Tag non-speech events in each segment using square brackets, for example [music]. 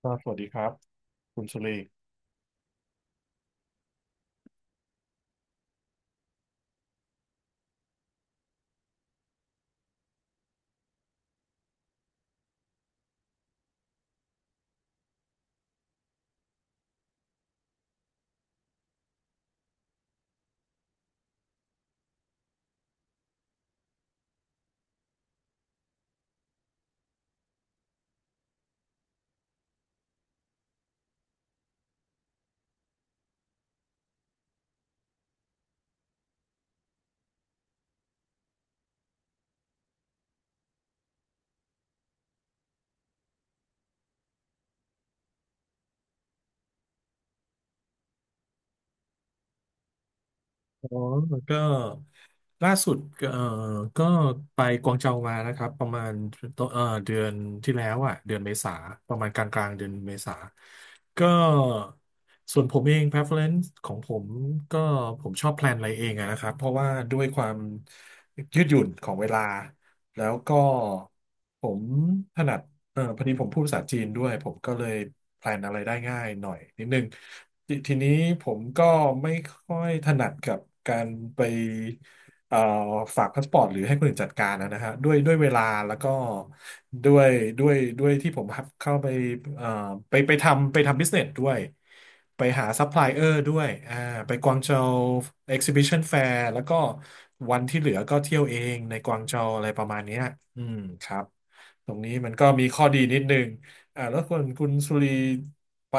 ครับสวัสดีครับคุณสุรีอ๋อก็ล่าสุดก็ก็ไปกวางโจวมานะครับประมาณต้นเดือนที่แล้วอ่ะเดือนเมษาประมาณกลางเดือนเมษาก็ส่วนผมเอง preference ของผมก็ผมชอบแพลนอะไรเองอะนะครับเพราะว่าด้วยความยืดหยุ่นของเวลาแล้วก็ผมถนัด เออพอดีผมพูดภาษาจีนด้วยผมก็เลยแพลนอะไรได้ง่ายหน่อยนิดนึงทีนี้ผมก็ไม่ค่อยถนัดกับการไปเอ่อฝากพาสปอร์ตหรือให้คนอื่นจัดการนะฮะด้วยเวลาแล้วก็ด้วยด้วยที่ผมเข้าไปเอ่อไปทำบิสเนสด้วยไปหาซัพพลายเออร์ด้วยอ่าไปกวางโจวเอ็กซิบิชันแฟร์แล้วก็วันที่เหลือก็เที่ยวเองในกวางโจวอะไรประมาณเนี้ยอืมครับ ตรงนี้มันก็มีข้อดีนิดนึงอ่าแล้วคนคุณสุรีไป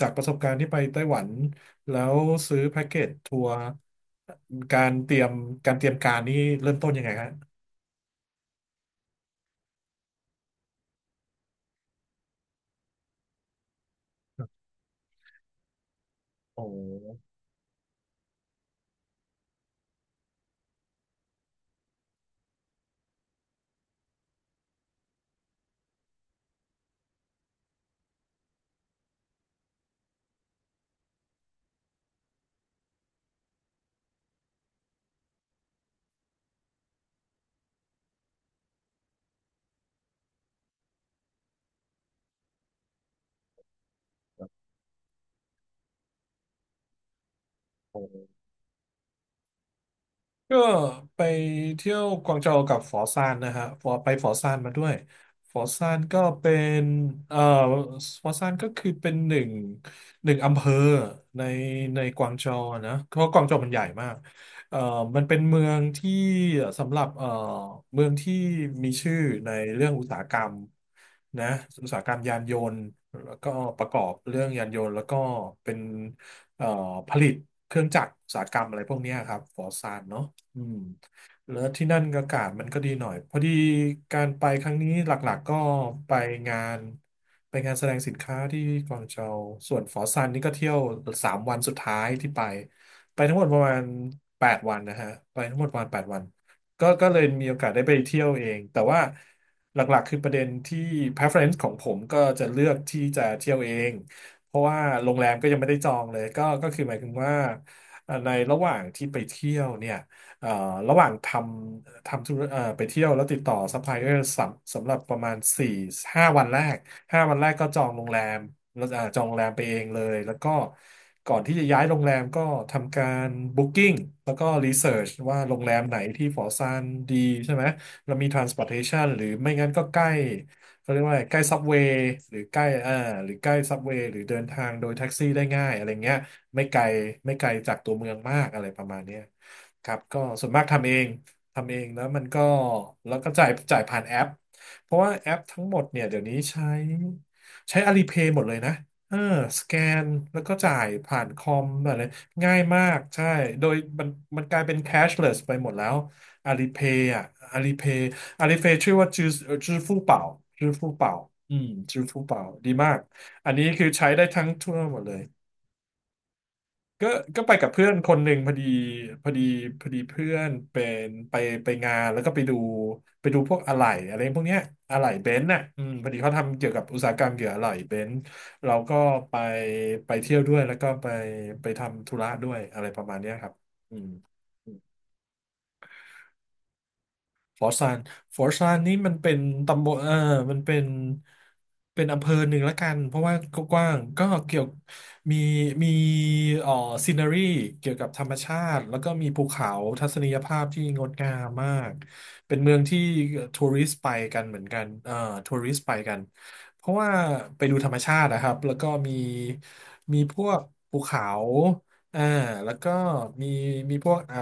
จากประสบการณ์ที่ไปไต้หวันแล้วซื้อแพ็กเกจทัวร์การเตรียมการเตรียมการนี่เริ่มต้นยังไงฮะโอ้โห ก็ไปเที่ยวกวางโจวกับฟอซานนะฮะฟอไปฟอซานมาด้วยฟอซานก็เป็นเอ่อฟอซานก็คือเป็นหนึ่งอำเภอในในกวางโจวอะนะเพราะกวางโจวมันใหญ่มากเอ่อมันเป็นเมืองที่สำหรับเมืองที่มีชื่อในเรื่องอุตสาหกรรมนะอุตสาหกรรมยานยนต์แล้วก็ประกอบเรื่องยานยนต์แล้วก็เป็นเอ่อผลิตเครื่องจักรอุตสาหกรรมอะไรพวกเนี้ยครับฟอร์ซานเนาะ อืมแล้วที่นั่นอากาศมันก็ดีหน่อยพอดีการไปครั้งนี้หลักๆก็ไปงานไปงานแสดงสินค้าที่กวางโจวส่วนฝอซานนี่ก็เที่ยวสามวันสุดท้ายที่ไปไปทั้งหมดประมาณแปดวันนะฮะไปทั้งหมดประมาณแปดวันก็เลยมีโอกาสได้ไปเที่ยวเองแต่ว่าหลักๆคือประเด็นที่ preference ของผมก็จะเลือกที่จะเที่ยวเองเพราะว่าโรงแรมก็ยังไม่ได้จองเลยก็คือหมายถึงว่าในระหว่างที่ไปเที่ยวเนี่ย เอ่อระหว่างทำธุรไปเที่ยวแล้วติดต่อซัพพลายเออร์สำหรับประมาณสี่ห้าวันแรกห้าวันแรกก็จองโรงแรมแล้วอ่าจองโรงแรมไปเองเลยแล้วก็ก่อนที่จะย้ายโรงแรมก็ทำการบุ๊กิ้งแล้วก็รีเสิร์ชว่าโรงแรมไหนที่ฟอร์ซานดีใช่ไหมแล้วมี transportation หรือไม่งั้นก็ใกล้เขาเรียกว่าอะไรใกล้ซับเวย์หรือใกล้หรือใกล้ซับเวย์หรือเดินทางโดยแท็กซี่ได้ง่ายอะไรเงี้ย ไม่ไกลไม่ไกลจากตัวเมืองมากอะไรประมาณเนี้ยครับก็ส่วนมากทำเองทำเองแล้วมันก็แล้วก็จ่ายผ่านแอปเพราะว่าแอปทั้งหมดเนี่ยเดี๋ยวนี้ใช้ Alipay หมดเลยนะเออสแกนแล้วก็จ่ายผ่านคอมอะไรง่ายมากใช่โดยมันกลายเป็น cashless ไปหมดแล้ว Alipay อ่ะ Alipay Alipay ชื่อว่าจื้อฟู่เป่าจื้อฟู่เป่าอืมจื้อฟู่เป่าดีมากอันนี้คือใช้ได้ทั้งทั่วหมดเลย ก็ก็ไปกับเพื่อนคนหนึ่งพอดีพอดีพอดีเพื่อนเป็นไปไปงานแล้วก็ไปดูไปดูพวกอะไหล่อะไรพวกเนี้ยอะไหล่เบนซ์น่ะอืมพอดีเขาทำเกี่ยวกับอุตสาหกรรมเกี่ยวกับอะไหล่เบนซ์เราก็ไปเที่ยวด้วยแล้วก็ไปทำธุระด้วยอะไรประมาณเนี้ยครับอืม ฟอร์ซานฟอร์ซานนี่มันเป็นตำบลเออมันเป็น เป็นอำเภอหนึ่งละกัน เพราะว่าก็กว้างก็เกี่ยวมีมีเอ่อซีนารีเกี่ยวกับธรรมชาติ แล้วก็มีภูเขาทัศนียภาพที่งดงามมาก เป็นเมืองที่ทัวริสต์ไปกันเหมือนกันทัวริสต์ไปกัน เพราะว่าไปดูธรรมชาตินะครับ แล้วก็มี มีพวกภูเขาอ่าแล้วก็มีมีพวก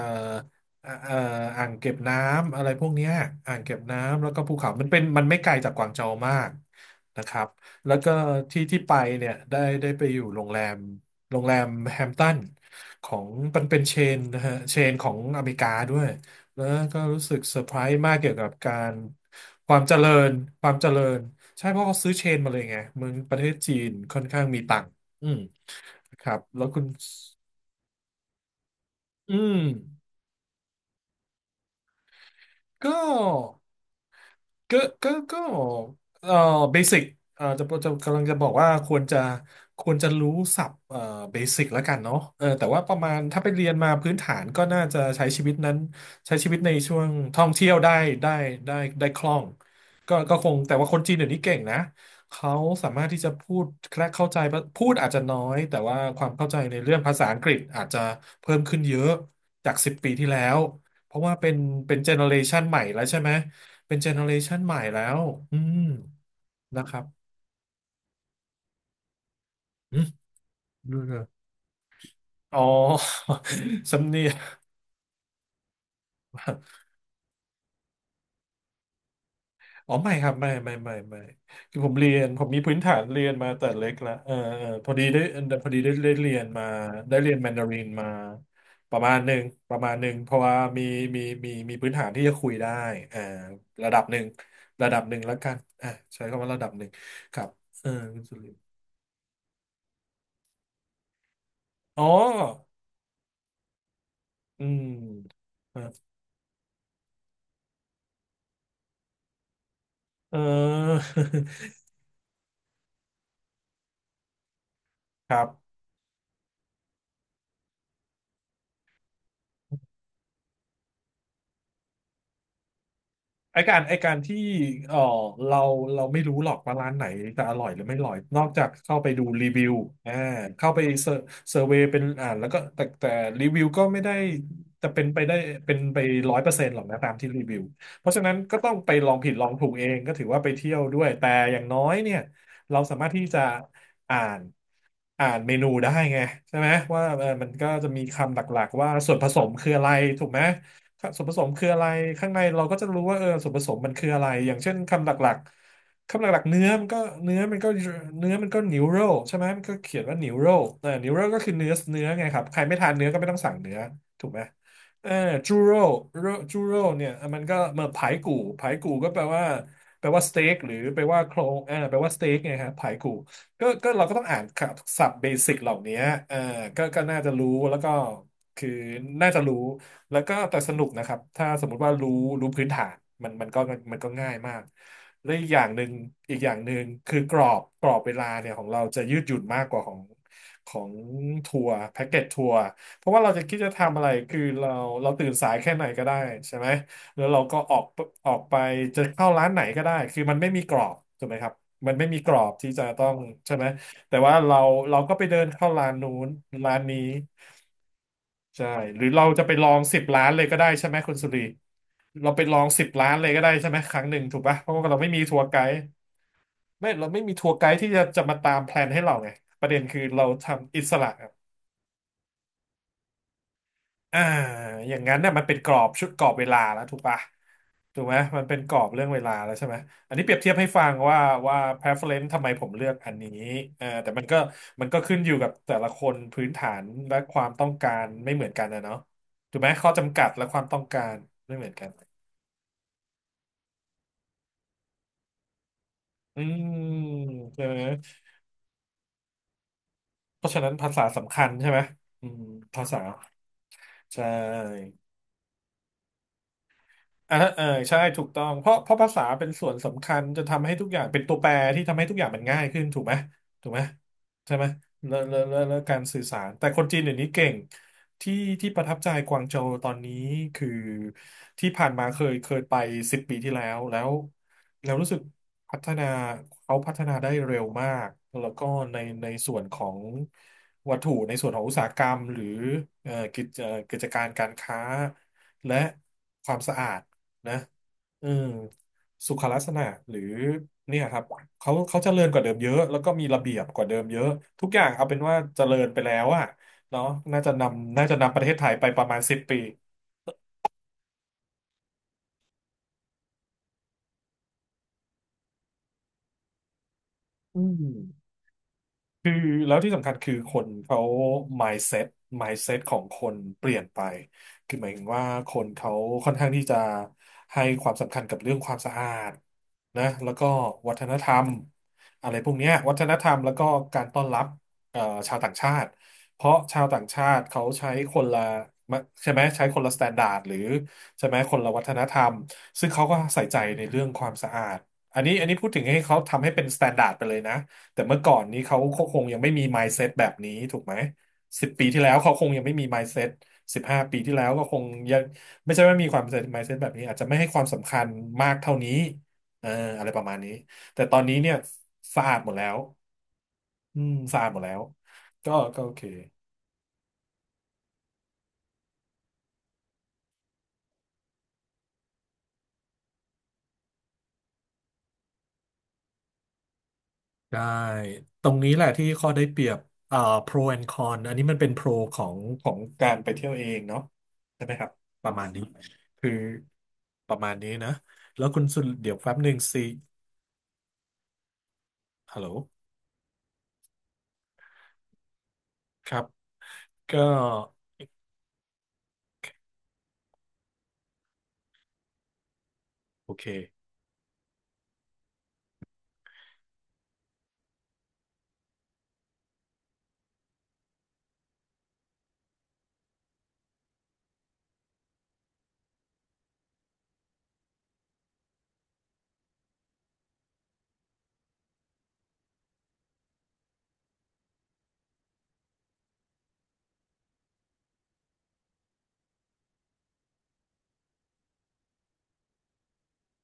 อ่าเอ่ออ่างเก็บน้ำอะไรพวกเนี้ยอ่างเก็บน้ำแล้วก็ภูเขามันเป็นมันไม่ไกลจากกวางโจวมากนะครับแล้วก็ที่ที่ไปเนี่ยได้ไปอยู่โรงแรมโรงแรมแฮมป์ตันของมันเป็นเชนนะฮะเชนของอเมริกาด้วยแล้วก็รู้สึกเซอร์ไพรส์มากเกี่ยวกับการความเจริญความเจริญใช่เพราะเขาซื้อเชนมาเลยไงเมืองประเทศจีนค่อนข้างมีตังค์อืมครับแล้วคุณอืมก็ ก็ก็เอ่อเบสิกเอ่อจะจะกำลังจะบอกว่าควรจะรู้ศัพท์เบสิกแล้วกันเนาะเออแต่ว่าประมาณถ้าไปเรียนมาพื้นฐานก็น่าจะใช้ชีวิตในช่วงท่องเที่ยวได้ได้ได้คล่องก็คงแต่ว่าคนจีนเดี๋ยวนี้เก่งนะ เขาสามารถที่จะพูดและเข้าใจ พูดอาจจะน้อย แต่ว่าความเข้าใจในเรื่องภาษาอังกฤษอาจจะเพิ่มขึ้นเยอะจากสิบปีที่แล้วเพราะว่าเป็นเจเนอเรชันใหม่แล้วใช่ไหม เป็นเจเนอเรชันใหม่แล้วอืมนะครับอืมดูเลยอ๋อ [laughs] สำเนียง [laughs] อ๋อไม่ครับไม่คือผมเรียนผมมีพื้นฐานเรียนมาแต่เล็กละเออเออพอดีได้ได้เรียนมาได้เรียนแมนดารินมาประมาณหนึ่งประมาณหนึ่งเพราะว่ามีมีพื้นฐานที่จะคุยได้อ่าระดับหนึ่งระดับหนึ่งแล้วกันอ่าใช้คำว่าระดับหนึ่งครับเออคุณสุรินทร์อ๋ออืมเออ [laughs] ครับไอการไอการที่เออเราเราไม่รู้หรอกว่าร้านไหนจะอร่อยหรือไม่อร่อยนอกจากเข้าไปดูรีวิวอ่าเข้าไปเซอร์เวย์เป็นอ่านแล้วก็แต่รีวิวก็ไม่ได้จะเป็นไป100%หรอกนะตามที่รีวิวเพราะฉะนั้นก็ต้องไปลองผิดลองถูกเองก็ถือว่าไปเที่ยวด้วยแต่อย่างน้อยเนี่ยเราสามารถที่จะอ่านอ่านเมนูได้ไงใช่ไหมว่าเออมันก็จะมีคำหลักๆว่าส่วนผสมคืออะไรถูกไหม ค่ะส่วนผสมคืออะไรข้างในเราก็จะรู้ว่าเออส่วนผสมมันคืออะไรอย่างเช่นคำหลักๆคำหลักๆเนื้อมันก็เนื้อมันก็นิวโรใช่ไหมมันก็เขียนว่านิวโรเออนิวโรก็คือเนื้อเนื้อไงครับใครไม่ทานเนื้อก็ไม่ต้องสั่งเนื้อถูกไหมเออจูโรจูโรเนี่ยมันก็มาผายกู่ผายกู่ก็แปลว่าสเต็กหรือแปลว่าโครงเออแปลว่าสเต็กไงครับผายกู่ก็เราก็ต้องอ่านคำศัพท์เบสิกเหล่านี้เออก็น่าจะรู้แล้วก็คือน่าจะรู้ แล้วก็แต่สนุกนะครับ ถ้าสมมุติว่ารู้พื้นฐานมันมันก็มันก็ง่ายมากและอีกอย่างหนึ่งคือกรอบเวลาเนี่ยของเราจะยืดหยุ่นมากกว่าของทัวร์แพ็กเกจทัวร์เพราะว่าเราจะคิดจะทำอะไรคือเราตื่นสายแค่ไหนก็ได้ใช่ไหมแล้วเราก็ออกไปจะเข้าร้านไหนก็ได้คือมันไม่มีกรอบถูกไหมครับมันไม่มีกรอบที่จะต้องใช่ไหมแต่ว่าเราก็ไปเดินเข้าร้านนู้นร้านนี้ ใช่หรือเราจะไปลองสิบล้านเลยก็ได้ใช่ไหมคุณสุรีเราไปลองสิบล้านเลยก็ได้ใช่ไหมครั้งหนึ่งถูกปะเพราะว่าเราไม่มีทัวร์ไกด์ไม่เราไม่มีทัวร์ไกด์ที่จะมาตามแพลนให้เราไงประเด็นคือเราทำอิสระ อ่าอย่างนั้นเน่ยมันเป็นกรอบชุดกรอบเวลาแล้วถูกปะถูกไหม มันเป็นกรอบเรื่องเวลาแล้วใช่ไหมอันนี้เปรียบเทียบให้ฟังว่าว่า preference ทำไมผมเลือกอันนี้เออแต่มันก็ขึ้นอยู่กับแต่ละคนพื้นฐานและความต้องการไม่เหมือนกันนะเนาะถูกไหมข้อจำกัดและความต้องการไม่เหมือนกันอืมใช่ไหมเพราะฉะนั้นภาษาสำคัญใช่ไหมอืมภาษาใช่ อ่าเออใช่ถูกต้องเพราะภาษาเป็นส่วนสำคัญจะทำให้ทุกอย่างเป็นตัวแปรที่ทำให้ทุกอย่างมันง่ายขึ้นถูกไหมถูกไหมใช่ไหมแล้วการสื่อสารแต่คนจีนเดี๋ยวนี้เก่งที่ที่ประทับใจกวางโจวตอนนี้คือที่ผ่านมาเคยไปสิบปีที่แล้วรู้สึกพัฒนาเขาพัฒนาได้เร็วมากแล้วก็ในส่วนของวัตถุในส่วนของอุตสาหกรรมหรือเอ่อกิจเอ่อกิจการการค้าและความสะอาด นะอืมสุขลักษณะหรือเนี่ยครับเขาเจริญกว่าเดิมเยอะแล้วก็มีระเบียบกว่าเดิมเยอะทุกอย่างเอาเป็นว่าเจริญไปแล้วอะเนาะน่าจะนำประเทศไทยไปประมาณสิบปีอืม คือแล้วที่สำคัญคือคนเขา mindset mindset ของคนเปลี่ยนไปคือหมายถึงว่าคนเขาค่อนข้างที่จะให้ความสำคัญกับเรื่องความสะอาดนะแล้วก็วัฒนธรรมอะไรพวกเนี้ยวัฒนธรรมแล้วก็การต้อนรับเอ่อชาวต่างชาติเพราะชาวต่างชาติเขาใช้คนละใช่ไหมใช้คนละสแตนดาร์ดหรือใช่ไหมคนละวัฒนธรรมซึ่งเขาก็ใส่ใจในเรื่องความสะอาดอันนี้พูดถึงให้เขาทำให้เป็นสแตนดาร์ดไปเลยนะ แต่เมื่อก่อนนี้เขาคงยังไม่มี mindset แบบนี้ถูกไหม10 ปีที่แล้วเขาคงยังไม่มี mindset 15 ปีที่แล้วก็คงยังไม่ใช่ว่ามีความ mindset แบบนี้อาจจะไม่ให้ความสำคัญมากเท่านี้เอออะไรประมาณนี้แต่ตอนนี้เนี่ยสะอาดหมดแล้วอืมสะอาดหมดแล้วก็โอเค ใช่ตรงนี้แหละที่ข้อได้เปรียบอ่า pro and con อันนี้มันเป็นโปรของการไปเที่ยวเองเนาะใช่ไหมครับประมาณนี้คือประมาณนี้นะแล้วคุณสุดเดี๋ยวแป๊บหนึ่งสิฮัลโหลครับก็โอเค